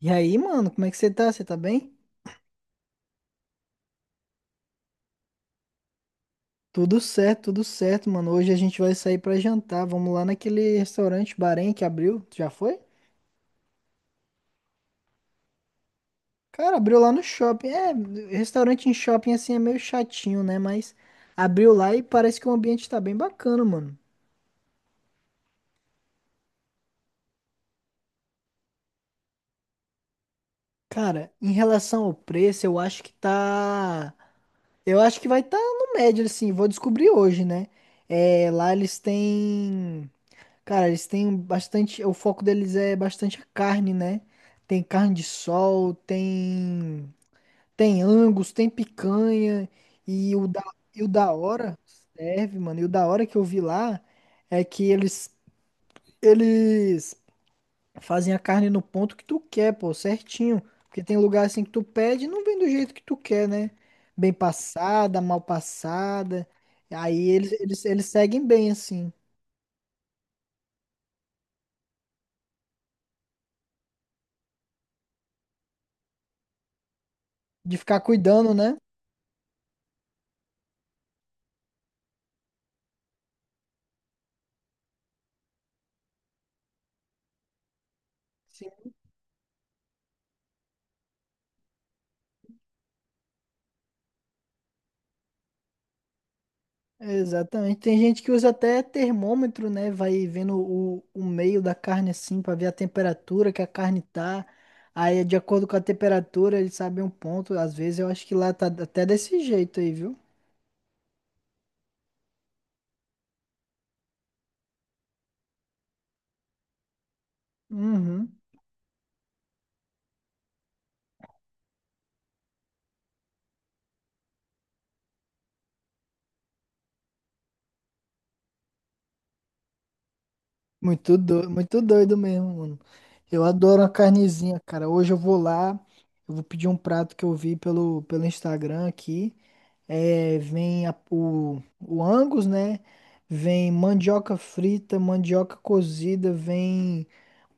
E aí, mano, como é que você tá? Você tá bem? Tudo certo, mano. Hoje a gente vai sair pra jantar. Vamos lá naquele restaurante Bahrein que abriu. Tu já foi? Cara, abriu lá no shopping. É, restaurante em shopping assim é meio chatinho, né? Mas abriu lá e parece que o ambiente tá bem bacana, mano. Cara, em relação ao preço, eu acho que tá. Eu acho que vai tá no médio, assim. Vou descobrir hoje, né? É, lá eles têm. Cara, eles têm bastante. O foco deles é bastante a carne, né? Tem carne de sol, tem. Tem Angus, tem picanha. E o da, e o da hora, serve, mano. E o da hora que eu vi lá é que eles fazem a carne no ponto que tu quer, pô, certinho. Porque tem lugar assim que tu pede e não vem do jeito que tu quer, né? Bem passada, mal passada. Aí eles seguem bem, assim. De ficar cuidando, né? Sim. Exatamente. Tem gente que usa até termômetro, né? Vai vendo o meio da carne assim para ver a temperatura que a carne tá. Aí, de acordo com a temperatura, ele sabe um ponto. Às vezes eu acho que lá tá até desse jeito aí, viu? Uhum. Muito doido mesmo, mano. Eu adoro uma carnezinha, cara. Hoje eu vou lá, eu vou pedir um prato que eu vi pelo Instagram aqui. É, vem a- o Angus, né? Vem mandioca frita, mandioca cozida, vem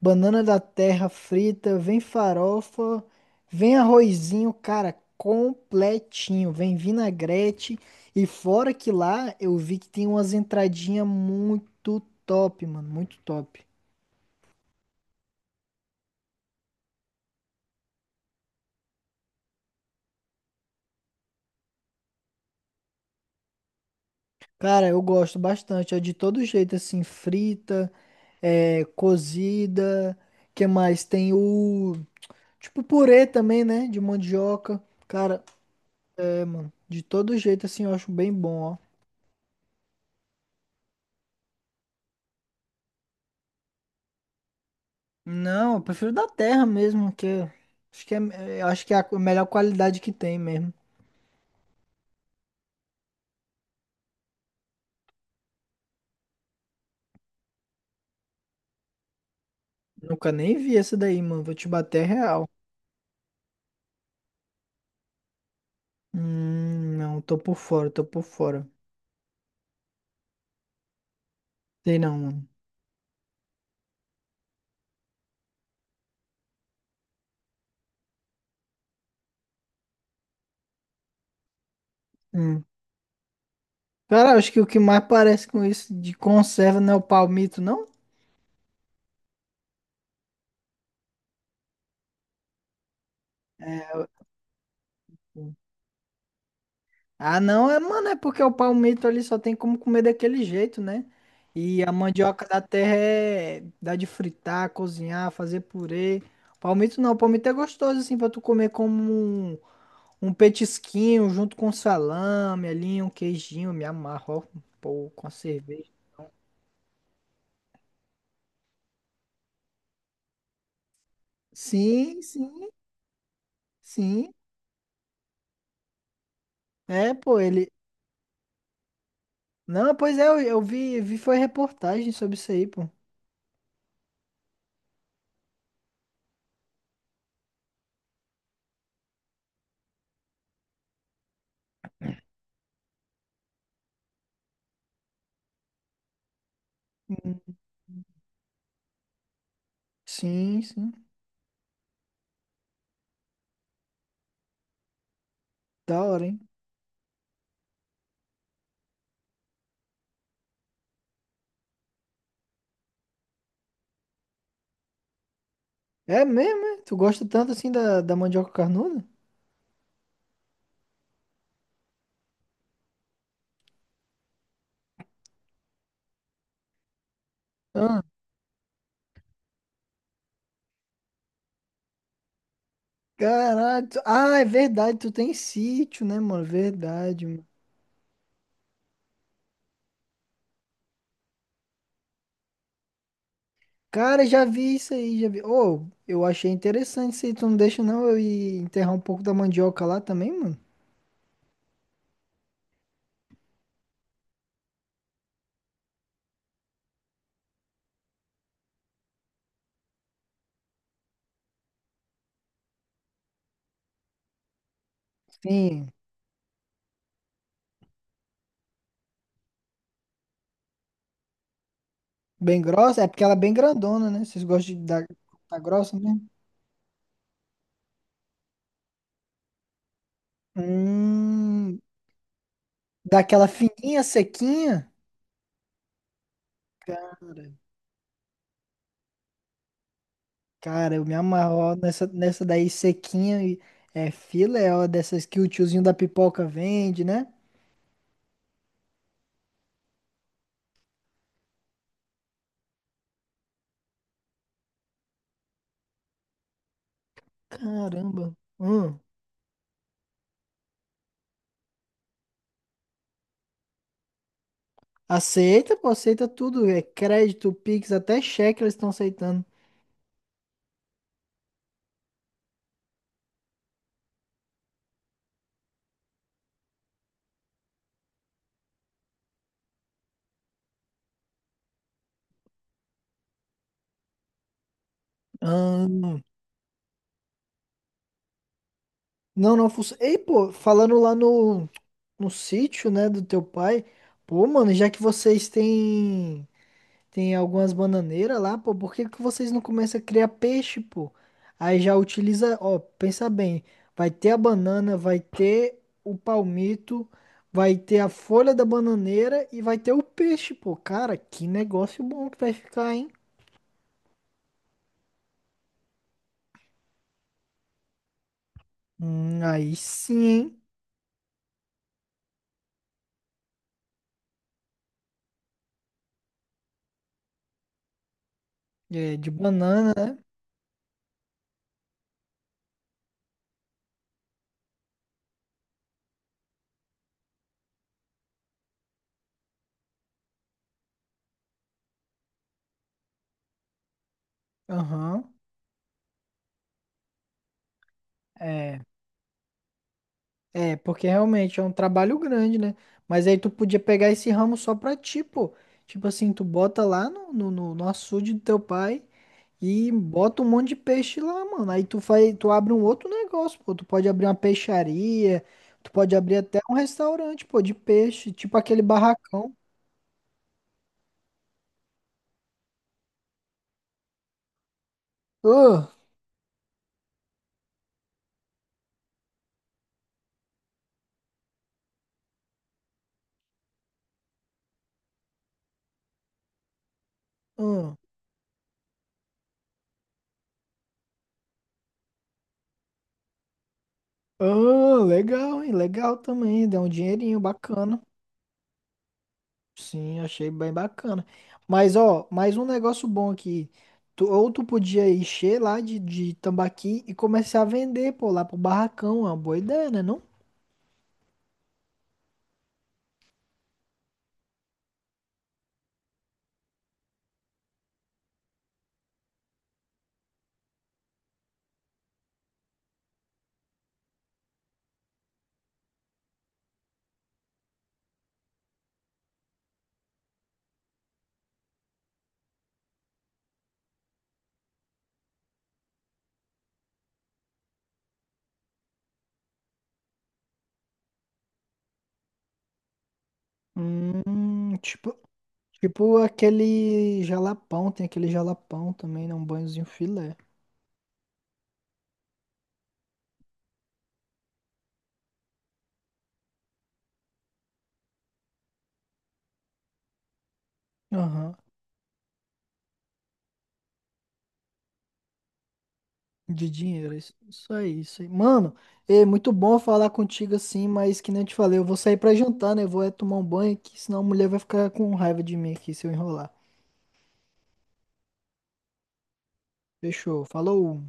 banana da terra frita, vem farofa, vem arrozinho, cara, completinho. Vem vinagrete. E fora que lá eu vi que tem umas entradinhas muito top, mano, muito top. Cara, eu gosto bastante. É de todo jeito, assim, frita, cozida. Que mais? Tem o. Tipo purê também, né? De mandioca. Cara, é, mano. De todo jeito, assim, eu acho bem bom, ó. Não, eu prefiro da terra mesmo, que é- acho que é, é, acho que é a melhor qualidade que tem mesmo. Nunca nem vi essa daí, mano. Vou te bater real. Não, tô por fora, tô por fora. Sei não, mano. Hum. Cara, acho que o que mais parece com isso de conserva não é o palmito, não? É. Ah, não, é, mano, é porque o palmito ali só tem como comer daquele jeito, né? E a mandioca da terra é dá de fritar, cozinhar, fazer purê. Palmito não, palmito é gostoso assim pra tu comer como um, um petisquinho junto com salame ali, um queijinho, me amarro, ó, pô, com a cerveja. Sim, sim, sim. É, pô, ele. Não, pois é, eu, eu vi foi reportagem sobre isso aí, pô. Hum, Sim, sim. Da hora, hein? É mesmo, é? Tu gosta tanto assim da, da mandioca carnuda? Ah. Caralho. Tu- ah, é verdade. Tu tem sítio, né, mano? Verdade, mano. Cara, já vi isso aí, já vi. Ô, eu achei interessante isso aí. Tu não deixa, não, eu ir enterrar um pouco da mandioca lá também, mano? Sim. Bem grossa? É porque ela é bem grandona, né? Vocês gostam de dar, dar grossa mesmo? Hum. Daquela fininha, sequinha? Cara. Cara, eu me amarro ó, nessa, nessa daí sequinha e é filé, ó, dessas que o tiozinho da pipoca vende, né? Caramba. Hum. Aceita, pô, aceita tudo. É crédito, Pix, até cheque eles estão aceitando. Ah, não, não funciona. Ei, pô, falando lá no, no sítio, né, do teu pai, pô, mano, já que vocês têm. Tem algumas bananeiras lá, pô. Por que que vocês não começam a criar peixe, pô? Aí já utiliza, ó, pensa bem. Vai ter a banana, vai ter o palmito, vai ter a folha da bananeira e vai ter o peixe, pô. Cara, que negócio bom que vai ficar, hein? Aí sim, hein? É, de banana, né? Aham. É. É, porque realmente é um trabalho grande, né? Mas aí tu podia pegar esse ramo só pra ti, pô. Tipo assim, tu bota lá no açude do teu pai e bota um monte de peixe lá, mano. Aí tu faz, tu abre um outro negócio, pô. Tu pode abrir uma peixaria, tu pode abrir até um restaurante, pô, de peixe, tipo aquele barracão. Ah, ah, ah, legal, hein? Legal também, dá um dinheirinho bacana. Sim, achei bem bacana. Mas, ó, mais um negócio bom aqui. Tu- ou tu podia encher lá de tambaqui e começar a vender, pô, lá pro barracão. É uma boa ideia, né, não? Tipo, tipo aquele jalapão, tem aquele jalapão também, né? Um banhozinho filé. Aham. De dinheiro, isso aí, isso aí. Mano, é muito bom falar contigo assim, mas que nem eu te falei, eu vou sair pra jantar, né? Eu vou é tomar um banho aqui, senão a mulher vai ficar com raiva de mim aqui se eu enrolar. Fechou, falou.